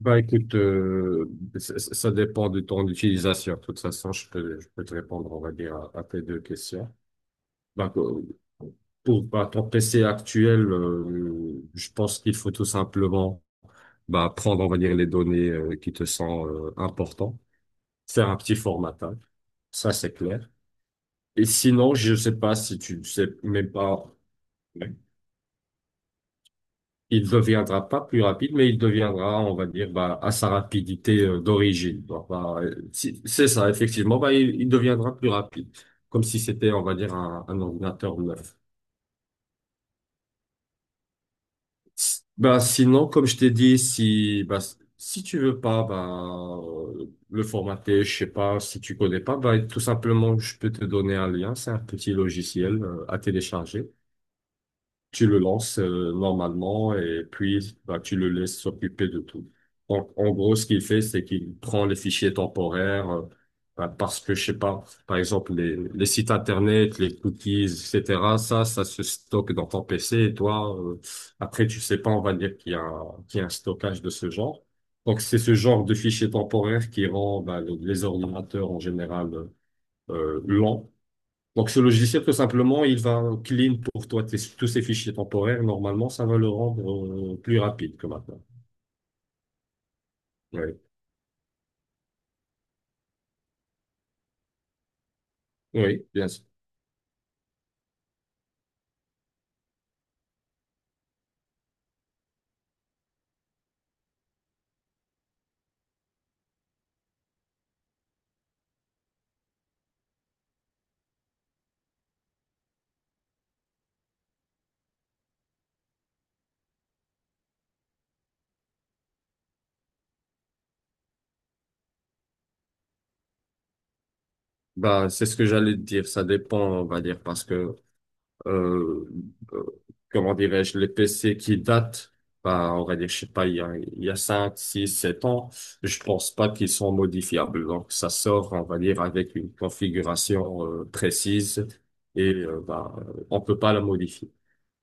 Bah écoute, dépend de ton utilisation. De toute façon, je peux te répondre, on va dire, à tes deux questions. Bah, pour bah, ton PC actuel, je pense qu'il faut tout simplement bah, prendre, on va dire, les données qui te sont importantes, faire un petit formatage, ça c'est clair. Et sinon, je sais pas si tu sais même pas. Il deviendra pas plus rapide, mais il deviendra, on va dire, bah, à sa rapidité d'origine. Bah, bah, c'est ça, effectivement. Bah, il deviendra plus rapide, comme si c'était, on va dire, un ordinateur neuf. Bah, sinon, comme je t'ai dit, si bah, si tu veux pas bah, le formater, je sais pas, si tu connais pas, bah, tout simplement, je peux te donner un lien. C'est un petit logiciel à télécharger. Tu le lances normalement et puis bah, tu le laisses s'occuper de tout. En gros, ce qu'il fait, c'est qu'il prend les fichiers temporaires bah, parce que, je sais pas, par exemple, les sites internet, les cookies, etc., ça se stocke dans ton PC et toi, après, tu sais pas, on va dire qu'il y a, qu'il y a un stockage de ce genre. Donc, c'est ce genre de fichiers temporaires qui rend bah, les ordinateurs en général lents. Donc, ce logiciel, tout simplement, il va clean pour toi tous ces fichiers temporaires. Normalement, ça va le rendre plus rapide que maintenant. Oui, oui, bien sûr. Bah, c'est ce que j'allais te dire. Ça dépend, on va dire, parce que euh, euh, comment dirais-je, les PC qui datent, bah, on va dire, je sais pas, il y a 5, 6, 7 ans, je pense pas qu'ils sont modifiables. Donc, ça sort, on va dire, avec une configuration précise et bah, on peut pas la modifier.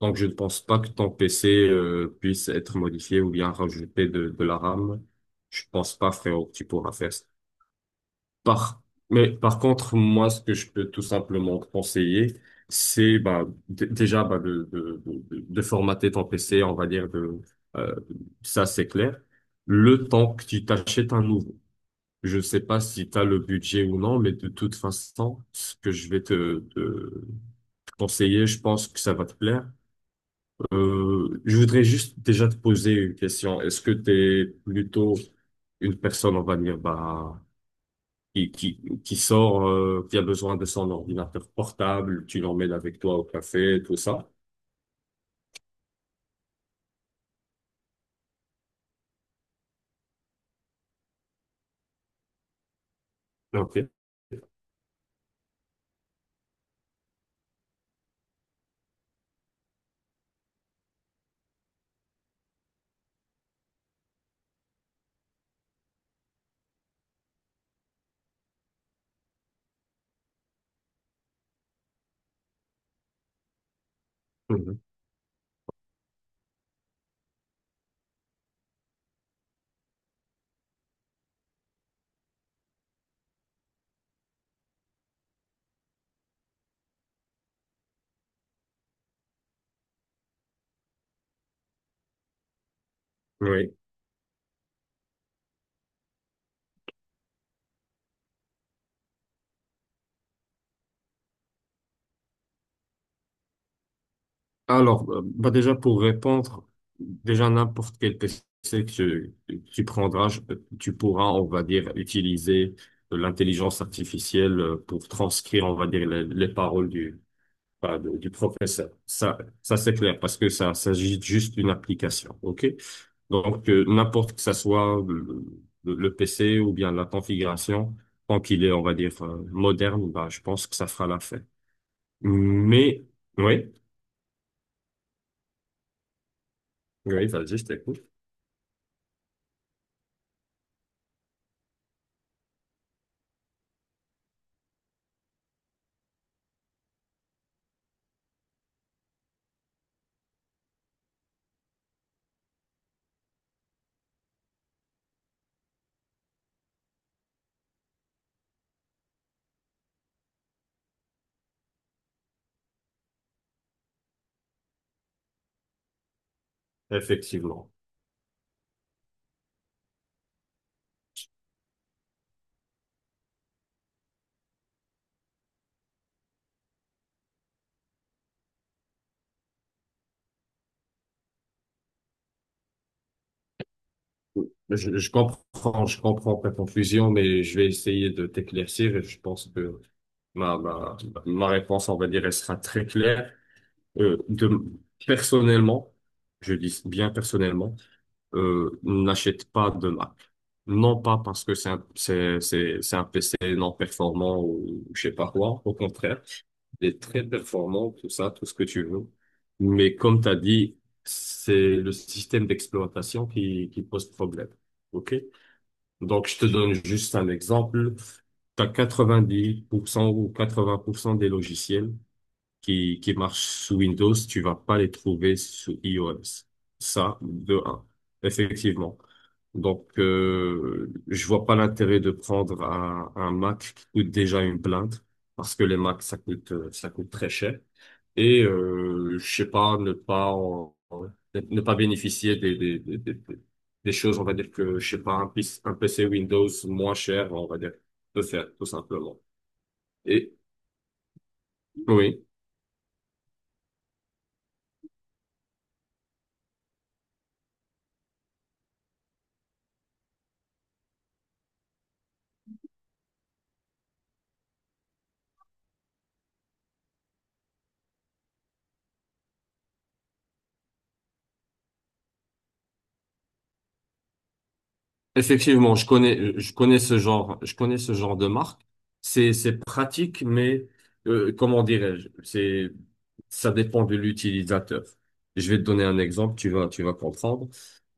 Donc, je ne pense pas que ton PC puisse être modifié ou bien rajouter de la RAM. Je pense pas, frérot, que tu pourras faire ça. Par, mais par contre, moi, ce que je peux tout simplement te conseiller, c'est bah, déjà bah, de formater ton PC, on va dire, euh, ça c'est clair, le temps que tu t'achètes un nouveau. Je sais pas si tu as le budget ou non, mais de toute façon, ce que je vais te conseiller, je pense que ça va te plaire. Je voudrais juste déjà te poser une question. Est-ce que tu es plutôt une personne, on va dire, bah, qui sort, qui a besoin de son ordinateur portable, tu l'emmènes avec toi au café, tout ça. Ok. Mhm. Oui. Alors, bah déjà pour répondre, déjà n'importe quel PC que tu prendras, tu pourras, on va dire, utiliser l'intelligence artificielle pour transcrire, on va dire, les paroles bah, du professeur. Ça c'est clair parce que ça s'agit juste d'une application. OK? Donc, n'importe que ça soit le, le PC ou bien la configuration, tant qu'il est, on va dire, moderne, bah, je pense que ça fera l'affaire. Mais, oui, oui, vas-y, je t'écoute. Effectivement. Je comprends ta confusion, mais je vais essayer de t'éclaircir et je pense que ma, ma, ma réponse, on va dire, elle sera très claire. Euh, de, personnellement, je dis bien personnellement, n'achète pas de Mac. Non pas parce que c'est un PC non performant ou je sais pas quoi. Au contraire, il est très performant, tout ça, tout ce que tu veux. Mais comme tu as dit, c'est le système d'exploitation qui pose problème. OK? Donc, je te donne juste un exemple. Tu as 90% ou 80% des logiciels qui marchent sous Windows, tu vas pas les trouver sous iOS. Ça, de un. Effectivement. Donc, je vois pas l'intérêt de prendre un Mac qui coûte déjà une blinde, parce que les Macs, ça coûte très cher. Et je sais pas, ne pas ne pas bénéficier des choses, on va dire que, je sais pas, un PC Windows moins cher, on va dire, peut faire, tout simplement. Et oui. Effectivement, je connais ce genre de marque. C'est pratique, mais comment dirais-je? Ça dépend de l'utilisateur. Je vais te donner un exemple, tu vas comprendre.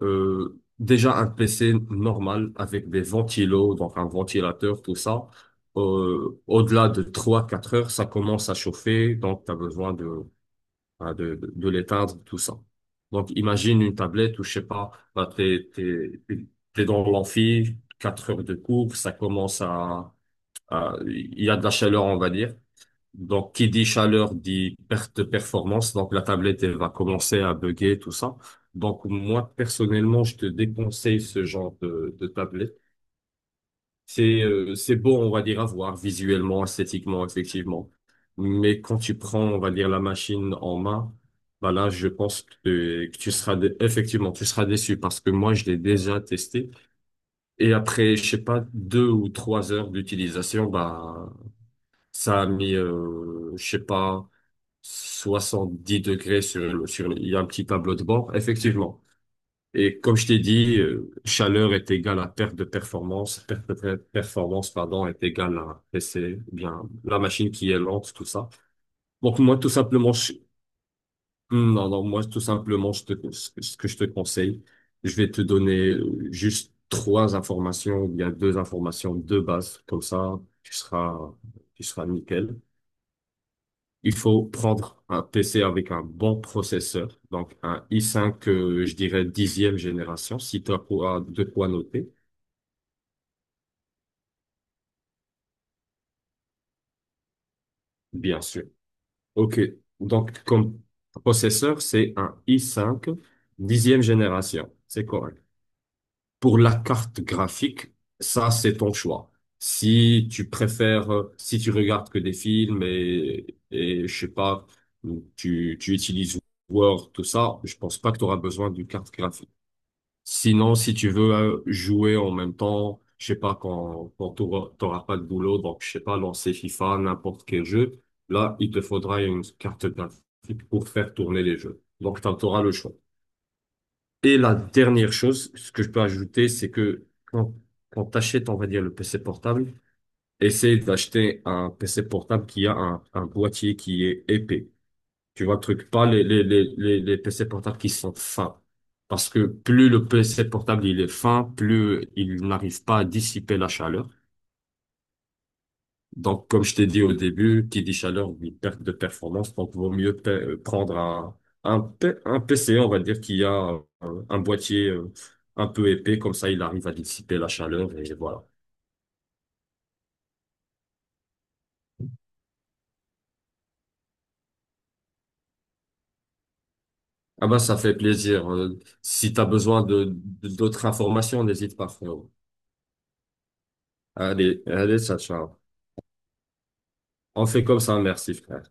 Déjà un PC normal avec des ventilos, donc un ventilateur, tout ça. Au-delà de trois quatre heures, ça commence à chauffer, donc tu as besoin de hein, de l'éteindre, tout ça. Donc, imagine une tablette où, je sais pas, bah, t'es dans l'amphi, 4 heures de cours, ça commence il y a de la chaleur, on va dire. Donc, qui dit chaleur dit perte de performance. Donc, la tablette, elle va commencer à bugger, tout ça. Donc, moi, personnellement, je te déconseille ce genre de tablette. C'est beau, on va dire, à voir visuellement, esthétiquement, effectivement. Mais quand tu prends, on va dire, la machine en main, bah là, je pense que tu seras effectivement, tu seras déçu parce que moi, je l'ai déjà testé. Et après, je sais pas, 2 ou 3 heures d'utilisation, bah ça a mis, je sais pas, 70 degrés sur le, il y a un petit tableau de bord, effectivement. Et comme je t'ai dit, chaleur est égale à perte de performance, pardon, est égale à PC, eh bien, la machine qui est lente, tout ça. Donc, moi, tout simplement, hmm, non, non, moi, tout simplement, ce que je te conseille, je vais te donner juste trois informations, ou bien deux informations de base, comme ça, tu seras nickel. Il faut prendre un PC avec un bon processeur, donc un i5, je dirais dixième génération, si tu as de quoi noter. Bien sûr. OK. Donc, comme processeur, c'est un i5, dixième génération. C'est correct. Pour la carte graphique, ça, c'est ton choix. Si tu préfères, si tu regardes que des films et je sais pas, tu utilises Word, tout ça, je pense pas que tu auras besoin d'une carte graphique. Sinon, si tu veux jouer en même temps, je sais pas, quand t'auras pas de boulot, donc je sais pas, lancer FIFA, n'importe quel jeu, là, il te faudra une carte graphique pour faire tourner les jeux. Donc, t'en auras le choix. Et la dernière chose, ce que je peux ajouter, c'est que quand, t'achètes, on va dire, le PC portable, essaye d'acheter un PC portable qui a un, boîtier qui est épais. Tu vois le truc, pas les PC portables qui sont fins. Parce que plus le PC portable il est fin, plus il n'arrive pas à dissiper la chaleur. Donc, comme je t'ai dit au début, qui dit chaleur dit perte de performance. Donc, vaut mieux prendre un PC, on va dire, qui a un boîtier un peu épais. Comme ça, il arrive à dissiper la chaleur et voilà. Ah ben, ça fait plaisir. Si t'as besoin d'autres informations, n'hésite pas, frérot. Allez, allez, ciao, ciao. On fait comme ça, merci, frère.